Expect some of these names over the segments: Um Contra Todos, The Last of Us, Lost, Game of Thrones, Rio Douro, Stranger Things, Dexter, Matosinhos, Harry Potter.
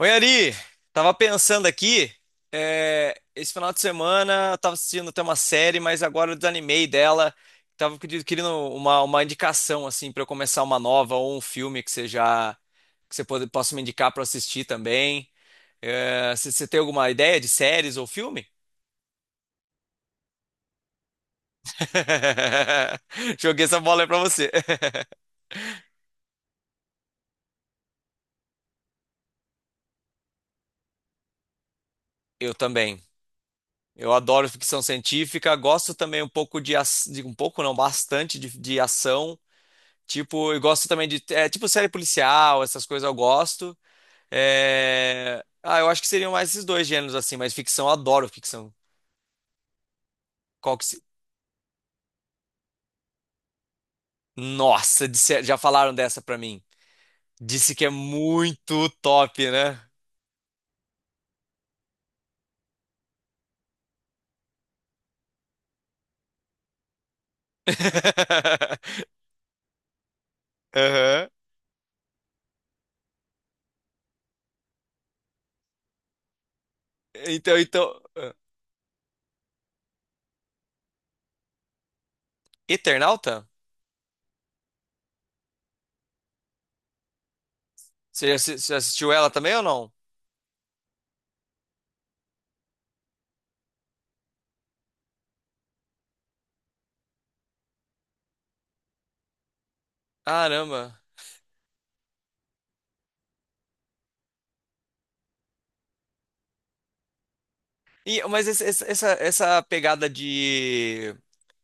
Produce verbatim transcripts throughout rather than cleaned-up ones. Oi, Ari! Tava pensando aqui, é, esse final de semana eu tava assistindo até uma série, mas agora eu desanimei dela. Tava querido- querendo uma, uma indicação, assim, para eu começar uma nova ou um filme que você já, que você pode- possa me indicar para assistir também. É, você você tem alguma ideia de séries ou filme? Joguei essa bola aí pra você. Eu também. Eu adoro ficção científica, gosto também um pouco de, ac- de um pouco não, bastante de de ação. Tipo, eu gosto também de. É, tipo, série policial, essas coisas eu gosto. É... Ah, eu acho que seriam mais esses dois gêneros, assim, mas ficção, eu adoro ficção. Qual que se... Nossa, disse- já falaram dessa pra mim. Disse que é muito top, né? Aham. Então, então. Eternauta? Você já assi- você assistiu ela também ou não? Caramba. E, mas esse- esse- essa, essa pegada de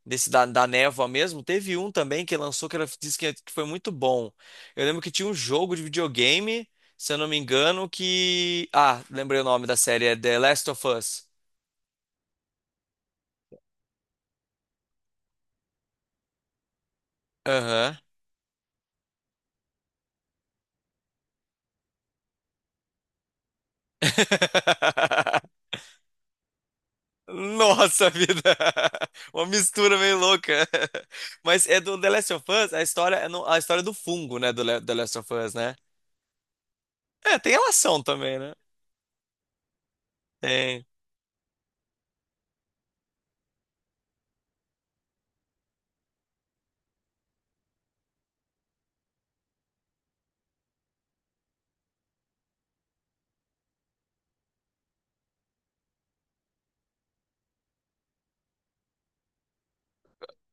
desse da, da névoa mesmo, teve um também que lançou que era, disse que é, que foi muito bom. Eu lembro que tinha um jogo de videogame, se eu não me engano, que. Ah, lembrei o nome da série, é The Last of Us. Aham. Nossa vida! Uma mistura meio louca. Mas é do The Last of Us, a história é no- a história do fungo, né? Do Le- The Last of Us, né? É, tem relação também, né? Tem.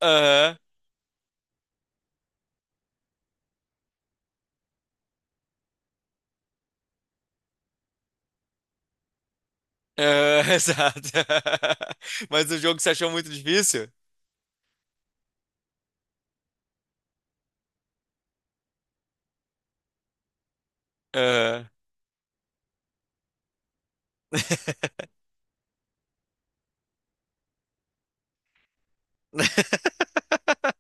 Aham. Ah, exato. Mas o jogo você achou muito difícil? Aham.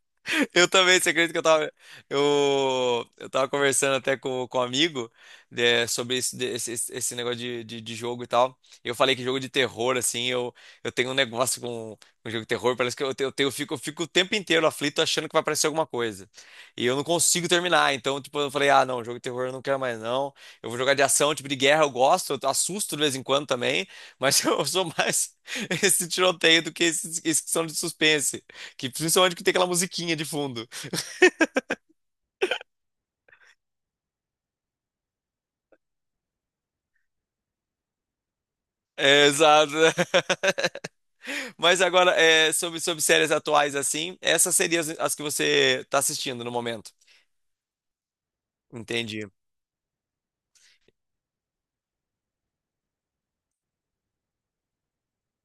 Eu também, você acredita que eu tava, eu, eu tava conversando até com, com, um amigo, né, sobre esse, de- esse, esse esse negócio de, de, de jogo e tal. E eu falei que jogo de terror, assim, eu, eu, tenho um negócio com, com jogo de terror, parece que eu, tenho, eu, tenho- eu fico, eu fico o tempo inteiro aflito achando que vai aparecer alguma coisa. E eu não consigo terminar, então, tipo, eu falei, ah, não, jogo de terror eu não quero mais, não. Eu vou jogar de ação, tipo, de guerra eu gosto, eu assusto de vez em quando também, mas eu sou mais esse tiroteio do que esses esses que são de suspense. Que principalmente que tem aquela musiquinha de fundo. É, exato. Mas agora, é, sobre, sobre, séries atuais assim, essas seriam as, as que você tá assistindo no momento. Entendi.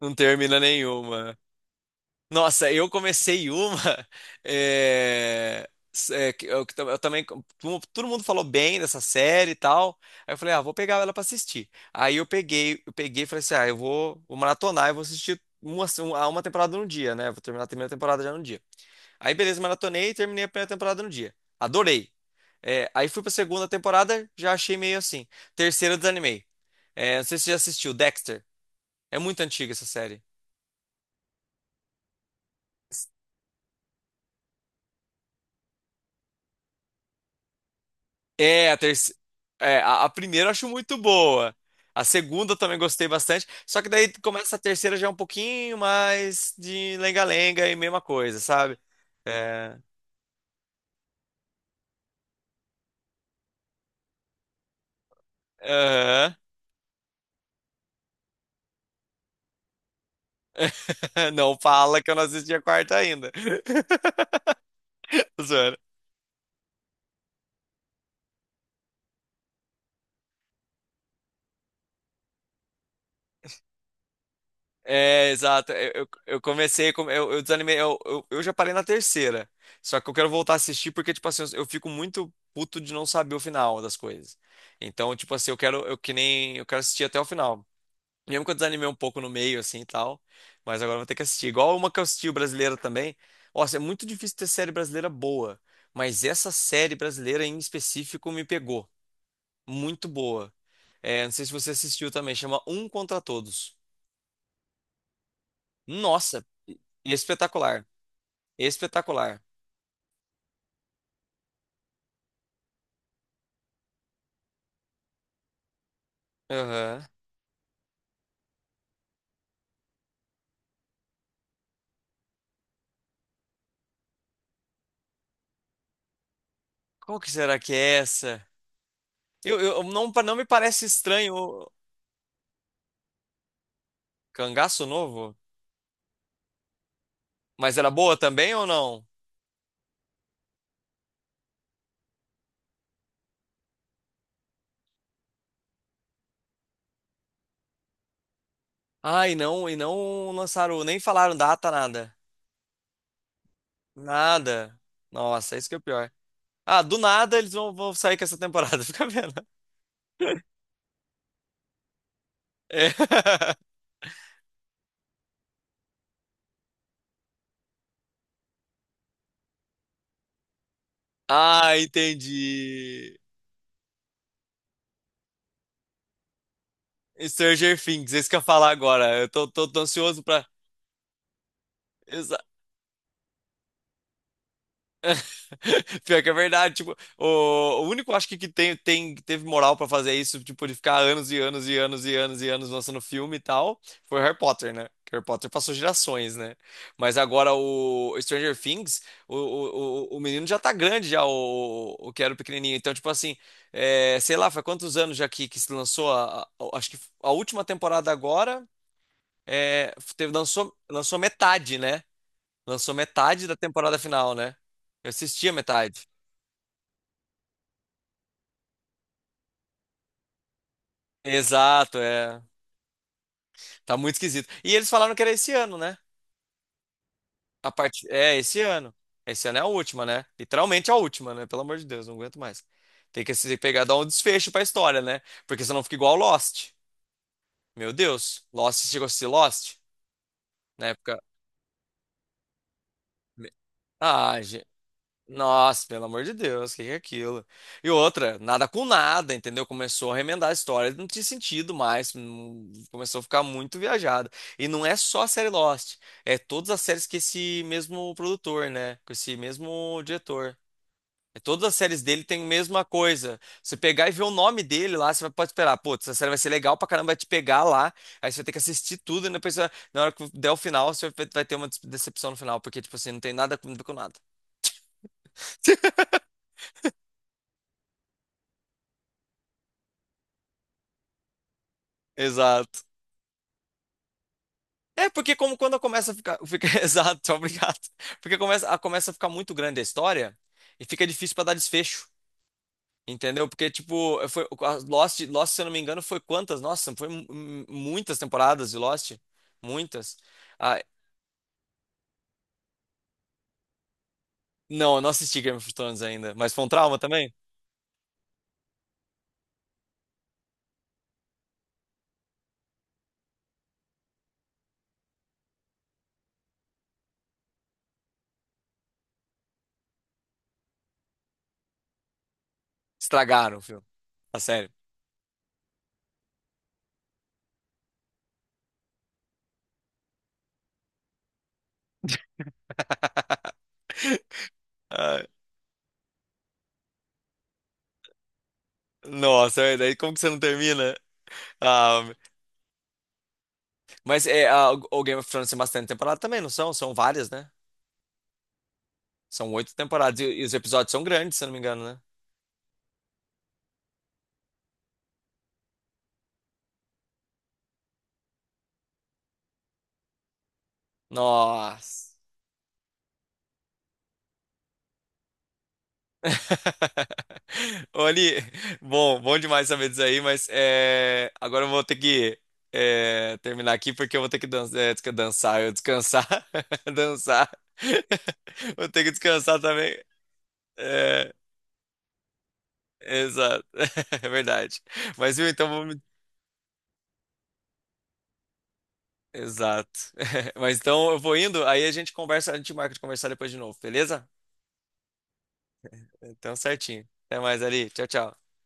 Não termina nenhuma. Nossa, eu comecei uma. é, é, que eu, que tam- eu também. tu- Todo mundo falou bem dessa série e tal. Aí eu falei, ah, vou pegar ela pra assistir. Aí eu peguei, eu peguei, e falei assim: ah, eu vou, vou maratonar e vou assistir uma, uma, uma temporada no dia, né? Vou terminar a primeira temporada já no dia. Aí, beleza, maratonei e terminei a primeira temporada no dia. Adorei. É, aí fui pra segunda temporada, já achei meio assim. Terceira, desanimei. É, não sei se você já assistiu, Dexter. É muito antiga essa série. É, a terceira. a, a primeira eu acho muito boa. A segunda eu também gostei bastante. Só que daí começa a terceira já é um pouquinho mais de lenga-lenga e mesma coisa, sabe? É, aham. Não fala que eu não assisti a quarta ainda. É, exato. Eu, eu, eu comecei, com- eu, eu desanimei, eu, eu, eu já parei na terceira. Só que eu quero voltar a assistir porque, tipo assim, eu eu fico muito puto de não saber o final das coisas. Então, tipo assim, eu quero, eu que nem, eu quero assistir até o final. Mesmo que eu desanimei um pouco no meio, assim, e tal. Mas agora eu vou ter que assistir. Igual uma que eu assisti brasileira também. Nossa, é muito difícil ter série brasileira boa. Mas essa série brasileira em específico me pegou. Muito boa. É, não sei se você assistiu também, chama Um Contra Todos. Nossa, espetacular. Espetacular. Aham. Qual que será que é essa? Eu, eu não, pa- não me parece estranho. O. Cangaço novo? Mas era boa também ou não? Ah, e não, e não, lançaram, nem falaram data, nada. Nada. Nossa, isso que é o pior. Ah, do nada eles vão, vão sair com essa temporada, fica vendo. É. Ah, entendi. Stranger Things, é isso que eu ia falar agora. Eu tô, tô, tô ansioso pra. Pior que é verdade, tipo, o, o único acho que, que tem, tem, que teve moral pra fazer isso, tipo, de ficar anos e anos e anos e anos e anos lançando filme e tal, foi Harry Potter, né? Que Harry Potter passou gerações, né? Mas agora o Stranger Things, o, o, o o menino já tá grande, já, o, o que era o pequenininho. Então, tipo assim, é, sei lá, faz quantos anos já que, que se lançou a, a- acho que a última temporada agora, é, teve, lançou, lançou metade, né? Lançou metade da temporada final, né? Eu assisti a metade. Exato, é. Tá muito esquisito. E eles falaram que era esse ano, né? A parte é esse ano. Esse ano é a última, né? Literalmente a última, né? Pelo amor de Deus, não aguento mais. Tem que se pegar dar um desfecho pra história, né? Porque senão fica igual Lost. Meu Deus, Lost chegou a ser Lost na época. Ah, Nossa, pelo amor de Deus, o que que é aquilo? E outra, nada com nada, entendeu? Começou a remendar a história, não tinha sentido mais, hum, começou a ficar muito viajada. E não é só a série Lost, é todas as séries que esse mesmo produtor, né? Com esse mesmo diretor. É, todas as séries dele têm a mesma coisa. Você pegar e ver o nome dele lá, você vai- pode esperar, putz, essa série vai ser legal pra caramba, vai te pegar lá, aí você vai ter que assistir tudo, e depois, você vai- na hora que der o final, você vai vai ter uma decepção no final, porque, tipo assim, não tem nada a ver com nada. Exato. É, porque como quando começa a ficar, fica, exato, obrigado. Porque começa, a- começa a ficar muito grande a história e fica difícil pra dar desfecho, entendeu? Porque tipo, foi a Lost, Lost, se eu não me engano, foi quantas? Nossa, foi mu- mu- muitas temporadas de Lost, muitas. Ah, não, eu não assisti Game of Thrones ainda, mas foi um trauma também. Estragaram o filme, a sério. Ah, Nossa, e daí como que você não termina? Ah, mas é, ah, o o Game of Thrones tem bastante temporada também, não são? São várias, né? São oito temporadas e, e os episódios são grandes, se eu não me engano, né? Nossa. Oli, bom, bom demais saber disso aí, mas é, agora eu vou ter que é, terminar aqui porque eu vou ter que dan- é, desca- dançar, eu descansar, dançar. Vou ter que descansar também. É, exato, é verdade. Mas viu, então vamos. Exato. Mas então eu vou indo, aí a gente conversa, a gente marca de conversar depois de novo, beleza? Então certinho. Até mais ali. Tchau, tchau.